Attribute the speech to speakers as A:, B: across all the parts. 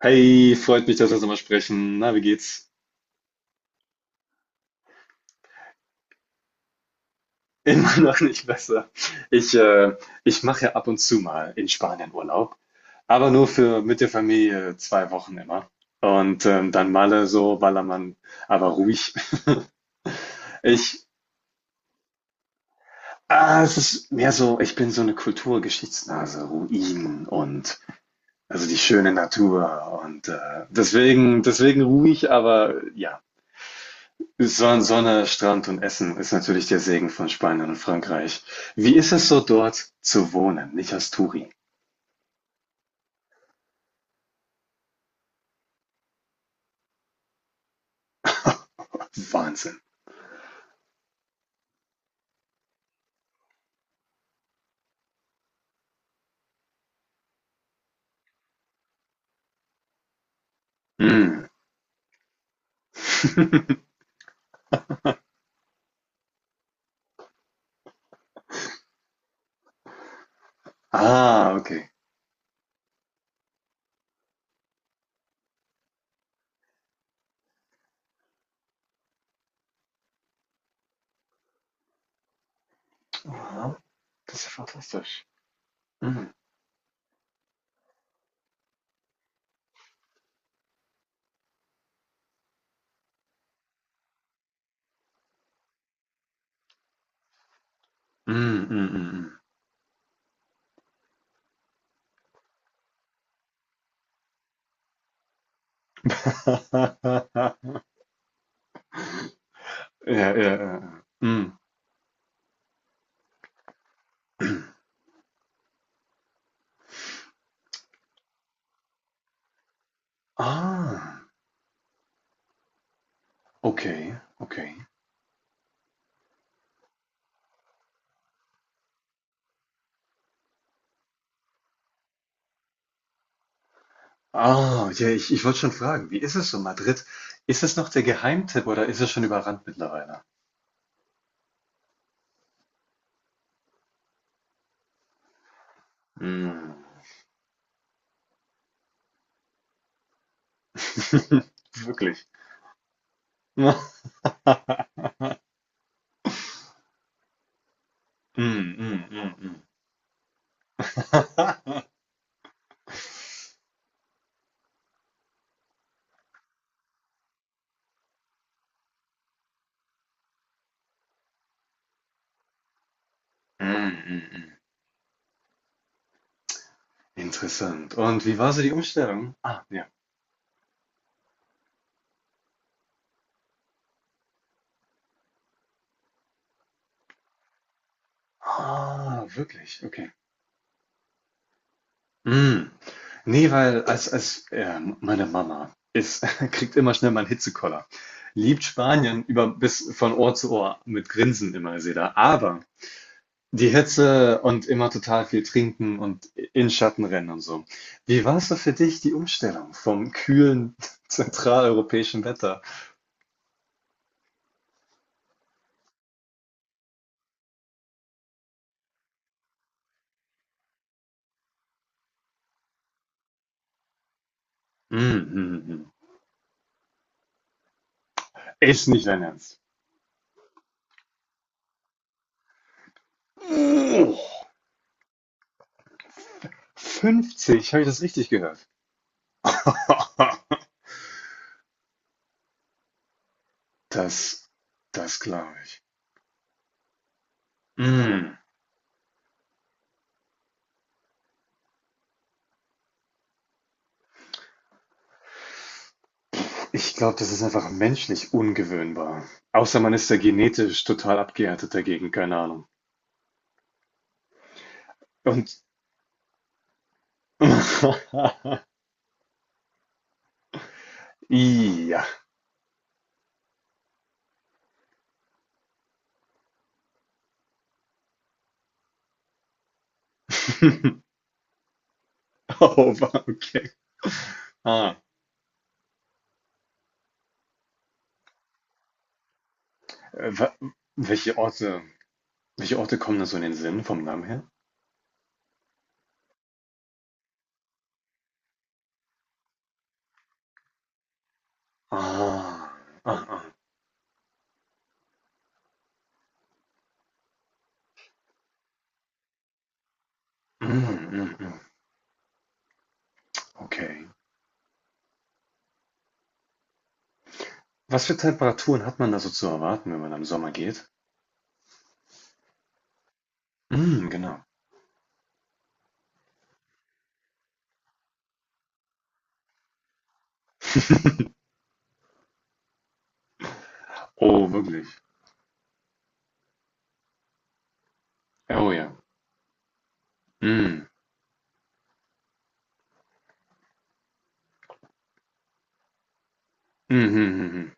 A: Hey, freut mich, dass wir uns nochmal sprechen. Na, wie geht's? Immer noch nicht besser. Ich, äh, Ich mache ja ab und zu mal in Spanien Urlaub, aber nur für mit der Familie 2 Wochen immer. Und dann Malle so, Ballermann, aber ruhig. Ich, Es ist mehr so, ich bin so eine Kulturgeschichtsnase, Ruinen und also die schöne Natur und deswegen, deswegen ruhig, aber ja. Son Sonne, Strand und Essen ist natürlich der Segen von Spanien und Frankreich. Wie ist es so dort zu wohnen? Nicht als Touri? Wahnsinn. Mm. Ah, okay. Aha, das ist ja fantastisch. Mm. Mm, mm, mm, mm. Ja, ja, ja, ja. Mm. Ah, okay, okay. Ah, ja, ich wollte schon fragen, wie ist es so, Madrid? Ist es noch der Geheimtipp oder ist es schon überrannt mittlerweile? Mm. Wirklich. Mhm, mhm, mhm, mhm. Mhm, mhm. Interessant. Und wie war so die Umstellung? Ah, ja. Ah, wirklich? Okay. Mhm. Nee, weil als meine Mama ist, kriegt immer schnell mal einen Hitzekoller. Liebt Spanien über bis von Ohr zu Ohr mit Grinsen immer, sie da. Aber die Hitze und immer total viel trinken und in Schatten rennen und so. Wie war es so für dich, die Umstellung vom kühlen zentraleuropäischen Wetter? Mhm. Ist nicht dein Ernst. 50, habe ich das richtig gehört? Das, Das glaube ich. Mm. Ich glaube, das ist einfach menschlich ungewöhnbar. Außer man ist ja genetisch total abgehärtet dagegen, keine Ahnung. Und ja. Oh, okay. Ah, äh, wa- Welche Orte, welche Orte kommen da so in den Sinn vom Namen her? Ah, ah, ah. Mm, mm, mm. Okay. Was für Temperaturen hat man da so zu erwarten, wenn man da im Sommer geht? Mhm, genau. Oh, wirklich. Ja, oh ja. Mhm. Mhm, mhm, mhm.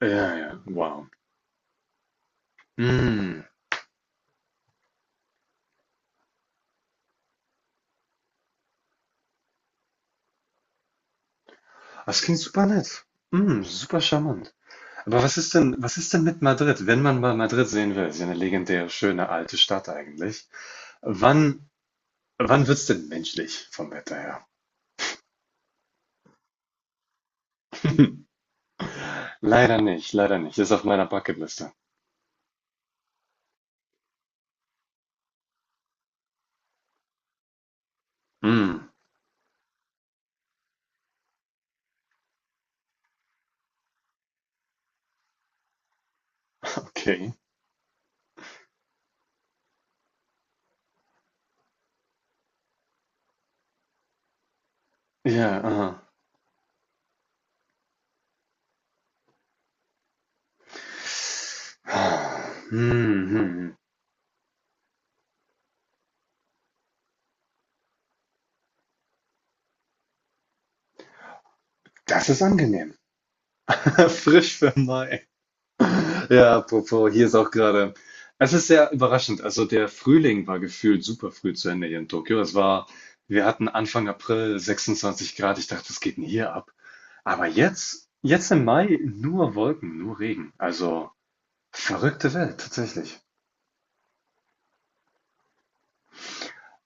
A: Ja, ja. Wow. Mhm. Das klingt super nett. Mhm, super charmant. Aber was ist denn mit Madrid, wenn man mal Madrid sehen will? Ist ja eine legendäre, schöne alte Stadt eigentlich. Wann, Wann wird's denn menschlich vom Wetter her? Leider nicht, leider nicht. Ist auf meiner Bucketliste. Mhm. Okay. Ja, aha. Mhm, mhm. Das ist angenehm. Frisch für Mai. Ja, apropos, hier ist auch gerade. Es ist sehr überraschend. Also der Frühling war gefühlt super früh zu Ende hier in Tokio. Es war, wir hatten Anfang April 26 Grad. Ich dachte, das geht denn hier ab? Aber jetzt, jetzt im Mai nur Wolken, nur Regen. Also verrückte Welt, tatsächlich.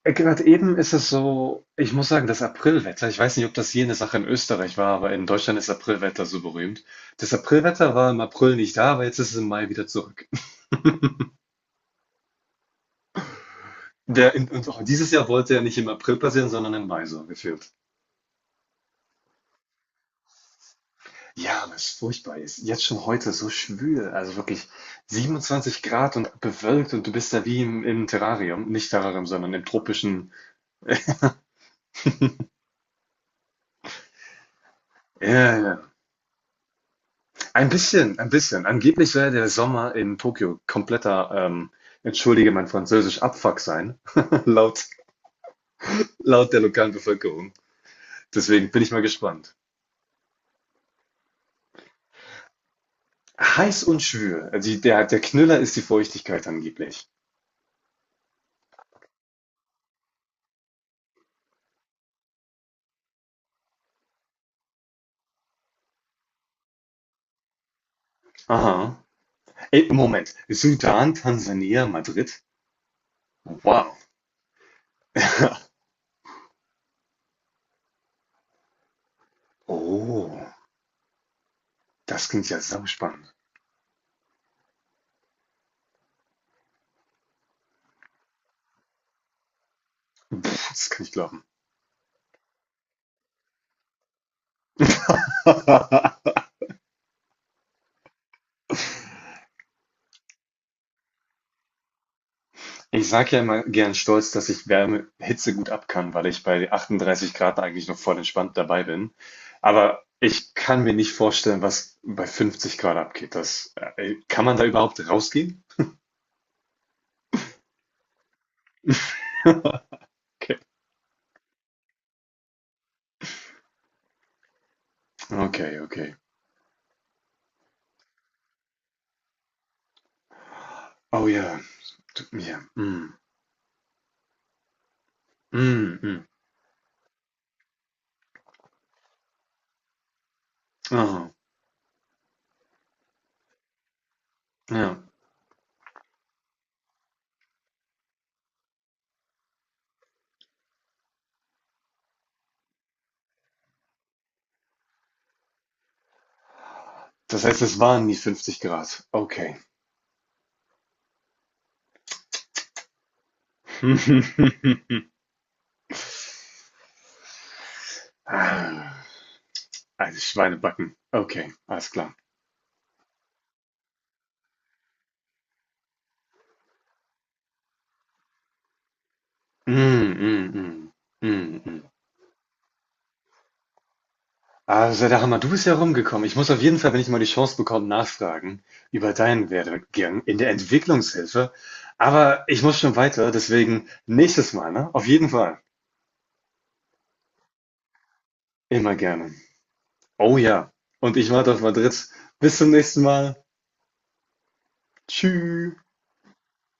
A: Gerade eben ist es so, ich muss sagen, das Aprilwetter, ich weiß nicht, ob das hier eine Sache in Österreich war, aber in Deutschland ist Aprilwetter so berühmt. Das Aprilwetter war im April nicht da, aber jetzt ist es im Mai wieder zurück. Der, in- und auch dieses Jahr wollte er nicht im April passieren, sondern im Mai so gefühlt. Ja, was furchtbar ist. Jetzt schon heute so schwül, also wirklich 27 Grad und bewölkt und du bist da wie im Terrarium, nicht Terrarium, sondern im tropischen. Ja, ja. Ein bisschen, ein bisschen. Angeblich soll ja der Sommer in Tokio kompletter, entschuldige mein Französisch, Abfuck sein, laut, laut der lokalen Bevölkerung. Deswegen bin ich mal gespannt. Heiß und schwül. Also der Knüller ist die Feuchtigkeit angeblich. Aha. Ey, Moment. Sudan, Tansania, Madrid? Wow. Oh, das klingt ja sau spannend. Pff, das kann ich glauben. Ich sage ja immer gern stolz, dass ich Wärme, Hitze gut ab kann, weil ich bei 38 Grad eigentlich noch voll entspannt dabei bin. Aber ich kann mir nicht vorstellen, was bei 50 Grad abgeht. Kann man da überhaupt rausgehen? Okay. Okay, okay. Oh ja, tut mir. Mm, mm, mm. Oh, ja. Das heißt, es waren nie 50 Grad. Okay. Ah, also Schweinebacken. Okay, alles klar. Mm, mm, mm, mm, mm. Also, da Hammer, du bist ja rumgekommen. Ich muss auf jeden Fall, wenn ich mal die Chance bekomme, nachfragen über deinen Werdegang in der Entwicklungshilfe. Aber ich muss schon weiter, deswegen nächstes Mal, ne? Auf jeden Fall. Immer gerne. Oh ja. Und ich warte auf Madrid. Bis zum nächsten Mal. Tschüss.